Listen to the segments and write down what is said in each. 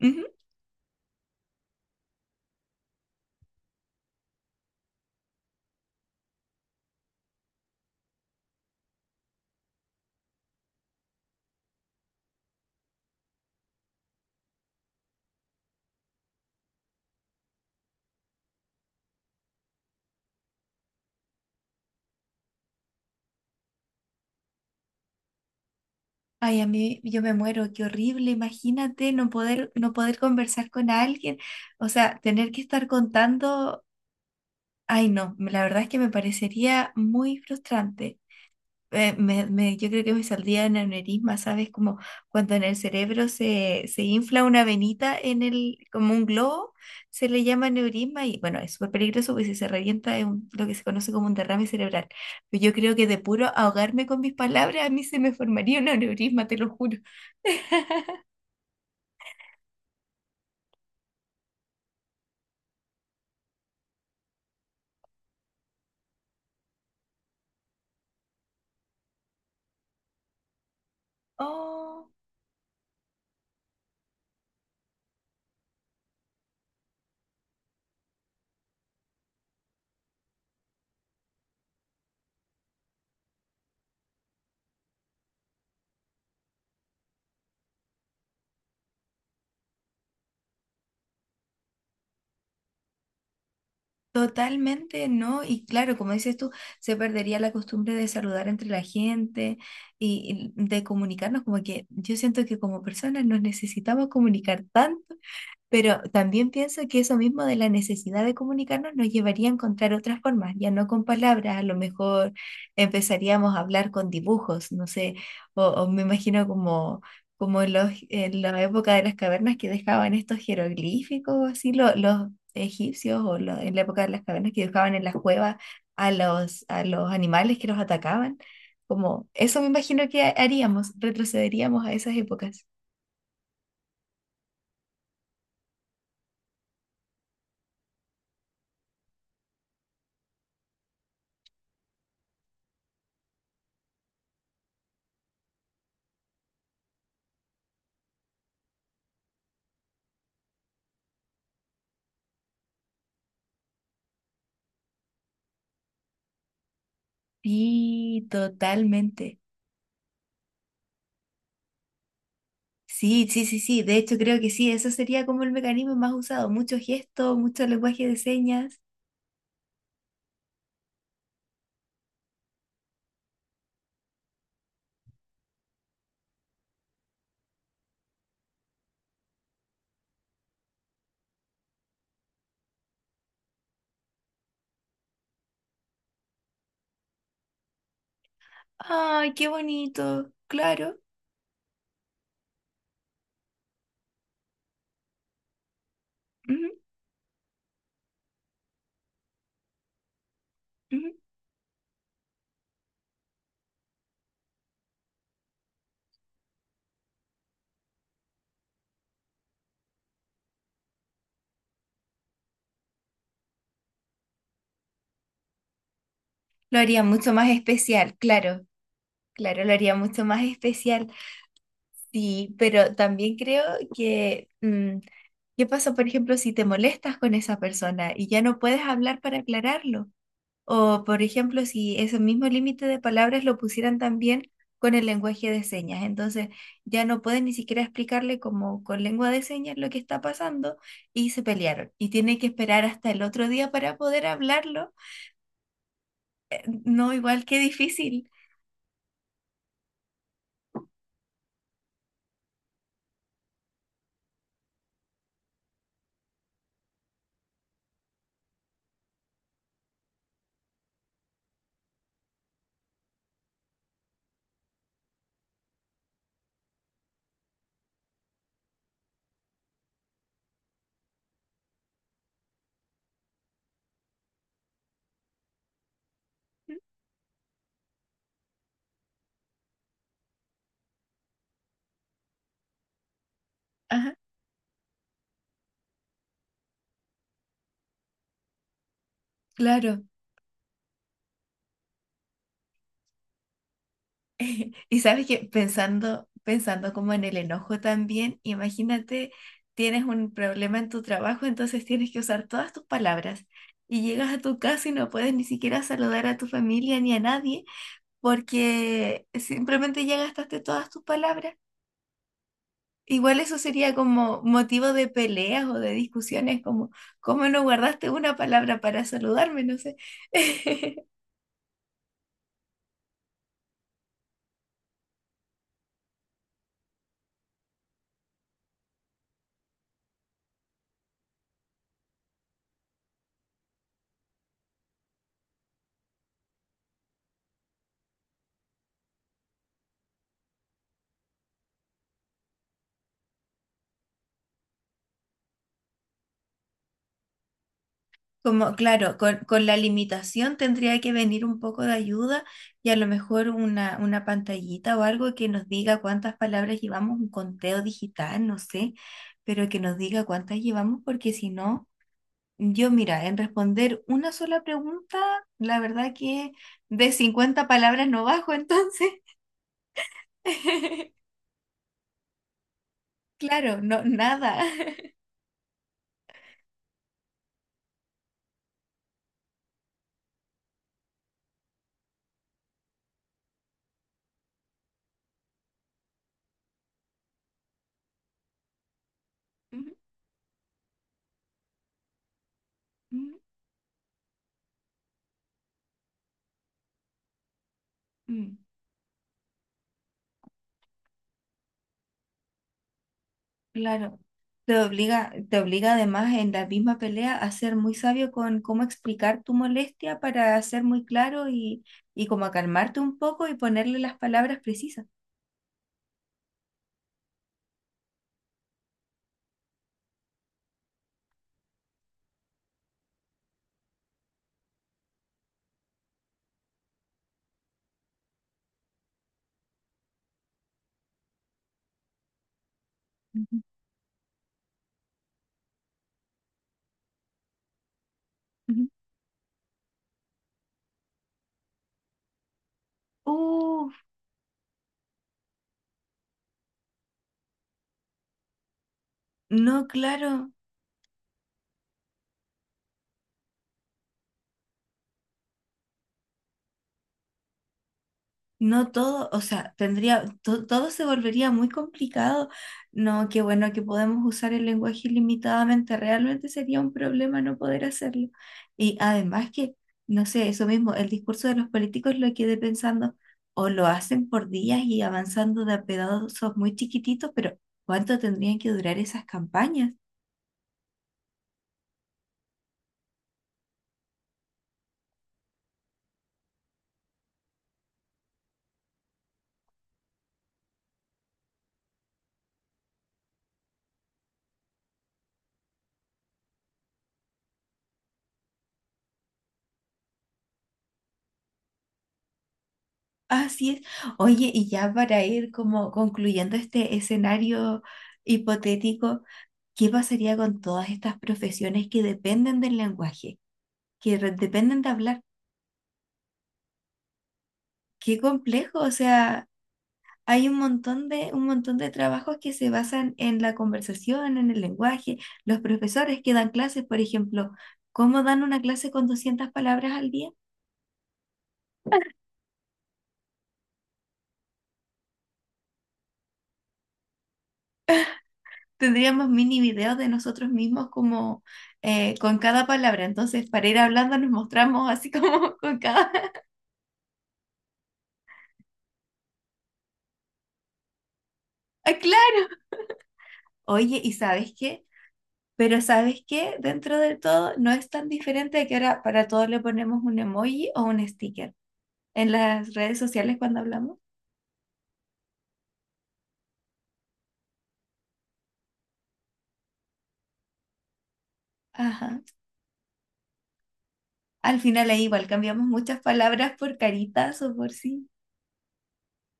Ujú. Ay, a mí yo me muero, qué horrible, imagínate no poder conversar con alguien, o sea, tener que estar contando, ay no, la verdad es que me parecería muy frustrante. Yo creo que me saldría en aneurisma, ¿sabes? Como cuando en el cerebro se infla una venita en el, como un globo, se le llama aneurisma y bueno, es súper peligroso porque si se revienta lo que se conoce como un derrame cerebral. Pero yo creo que de puro ahogarme con mis palabras a mí se me formaría un aneurisma, te lo juro. Oh. Totalmente, ¿no? Y claro, como dices tú, se perdería la costumbre de saludar entre la gente y de comunicarnos, como que yo siento que como personas nos necesitamos comunicar tanto, pero también pienso que eso mismo de la necesidad de comunicarnos nos llevaría a encontrar otras formas, ya no con palabras. A lo mejor empezaríamos a hablar con dibujos, no sé, o me imagino como, en la época de las cavernas que dejaban estos jeroglíficos, así los egipcios, o en la época de las cavernas que dejaban en las cuevas a los animales que los atacaban, como eso me imagino que haríamos, retrocederíamos a esas épocas. Sí, totalmente. Sí, sí, sí, sí. De hecho, creo que sí. Eso sería como el mecanismo más usado. Muchos gestos, mucho lenguaje de señas. Ay, qué bonito. Claro. Ujú, ujú. Lo haría mucho más especial, claro. Claro, lo haría mucho más especial. Sí, pero también creo que, ¿qué pasa, por ejemplo, si te molestas con esa persona y ya no puedes hablar para aclararlo? O, por ejemplo, si ese mismo límite de palabras lo pusieran también con el lenguaje de señas. Entonces, ya no pueden ni siquiera explicarle como con lengua de señas lo que está pasando y se pelearon. Y tiene que esperar hasta el otro día para poder hablarlo. No, igual qué difícil. Ajá, claro. Y sabes que pensando como en el enojo también, imagínate, tienes un problema en tu trabajo, entonces tienes que usar todas tus palabras. Y llegas a tu casa y no puedes ni siquiera saludar a tu familia ni a nadie porque simplemente ya gastaste todas tus palabras. Igual eso sería como motivo de peleas o de discusiones, como, ¿cómo no guardaste una palabra para saludarme? No sé. Como, claro, con la limitación tendría que venir un poco de ayuda y a lo mejor una pantallita o algo que nos diga cuántas palabras llevamos, un conteo digital, no sé, pero que nos diga cuántas llevamos, porque si no, yo mira, en responder una sola pregunta, la verdad que de 50 palabras no bajo, entonces, claro, no, nada. Mm, mm, mm. Claro. Te obliga además en la misma pelea a ser muy sabio con cómo explicar tu molestia para ser muy claro y como a calmarte un poco y ponerle las palabras precisas. Ujú, ujú. Uf, no, claro. No todo, o sea, todo se volvería muy complicado. No, qué bueno que podemos usar el lenguaje ilimitadamente. Realmente sería un problema no poder hacerlo. Y además que, no sé, eso mismo, el discurso de los políticos lo quedé pensando, o lo hacen por días y avanzando de a pedazos muy chiquititos, pero ¿cuánto tendrían que durar esas campañas? Así es. Oye, y ya para ir como concluyendo este escenario hipotético. ¿Qué pasaría con todas estas profesiones que dependen del lenguaje, que dependen de hablar? Qué complejo, o sea, hay un montón de trabajos que se basan en la conversación, en el lenguaje. Los profesores que dan clases, por ejemplo, ¿cómo dan una clase con 200 palabras al día? Tendríamos mini videos de nosotros mismos como con cada palabra. Entonces, para ir hablando nos mostramos así como con cada... ¡Ah, claro! Oye, ¿y sabes qué? Pero ¿sabes qué? Dentro de todo no es tan diferente a que ahora para todo le ponemos un emoji o un sticker en las redes sociales cuando hablamos. Ajá. Al final es igual, cambiamos muchas palabras por caritas o por sí.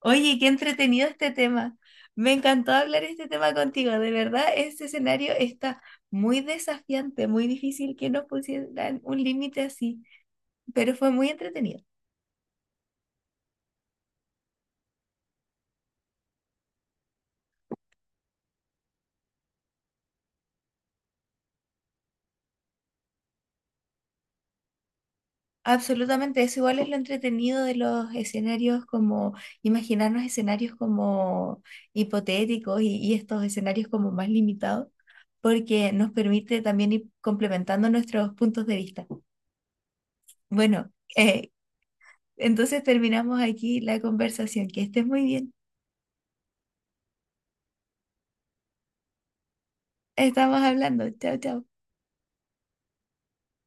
Oye, qué entretenido este tema. Me encantó hablar este tema contigo. De verdad, este escenario está muy desafiante, muy difícil que nos pusieran un límite así, pero fue muy entretenido. Absolutamente, eso igual es lo entretenido de los escenarios como imaginarnos escenarios como hipotéticos y estos escenarios como más limitados, porque nos permite también ir complementando nuestros puntos de vista. Bueno, eh, entonces terminamos aquí la conversación. Que estés muy bien. Estamos hablando. Chao, chao.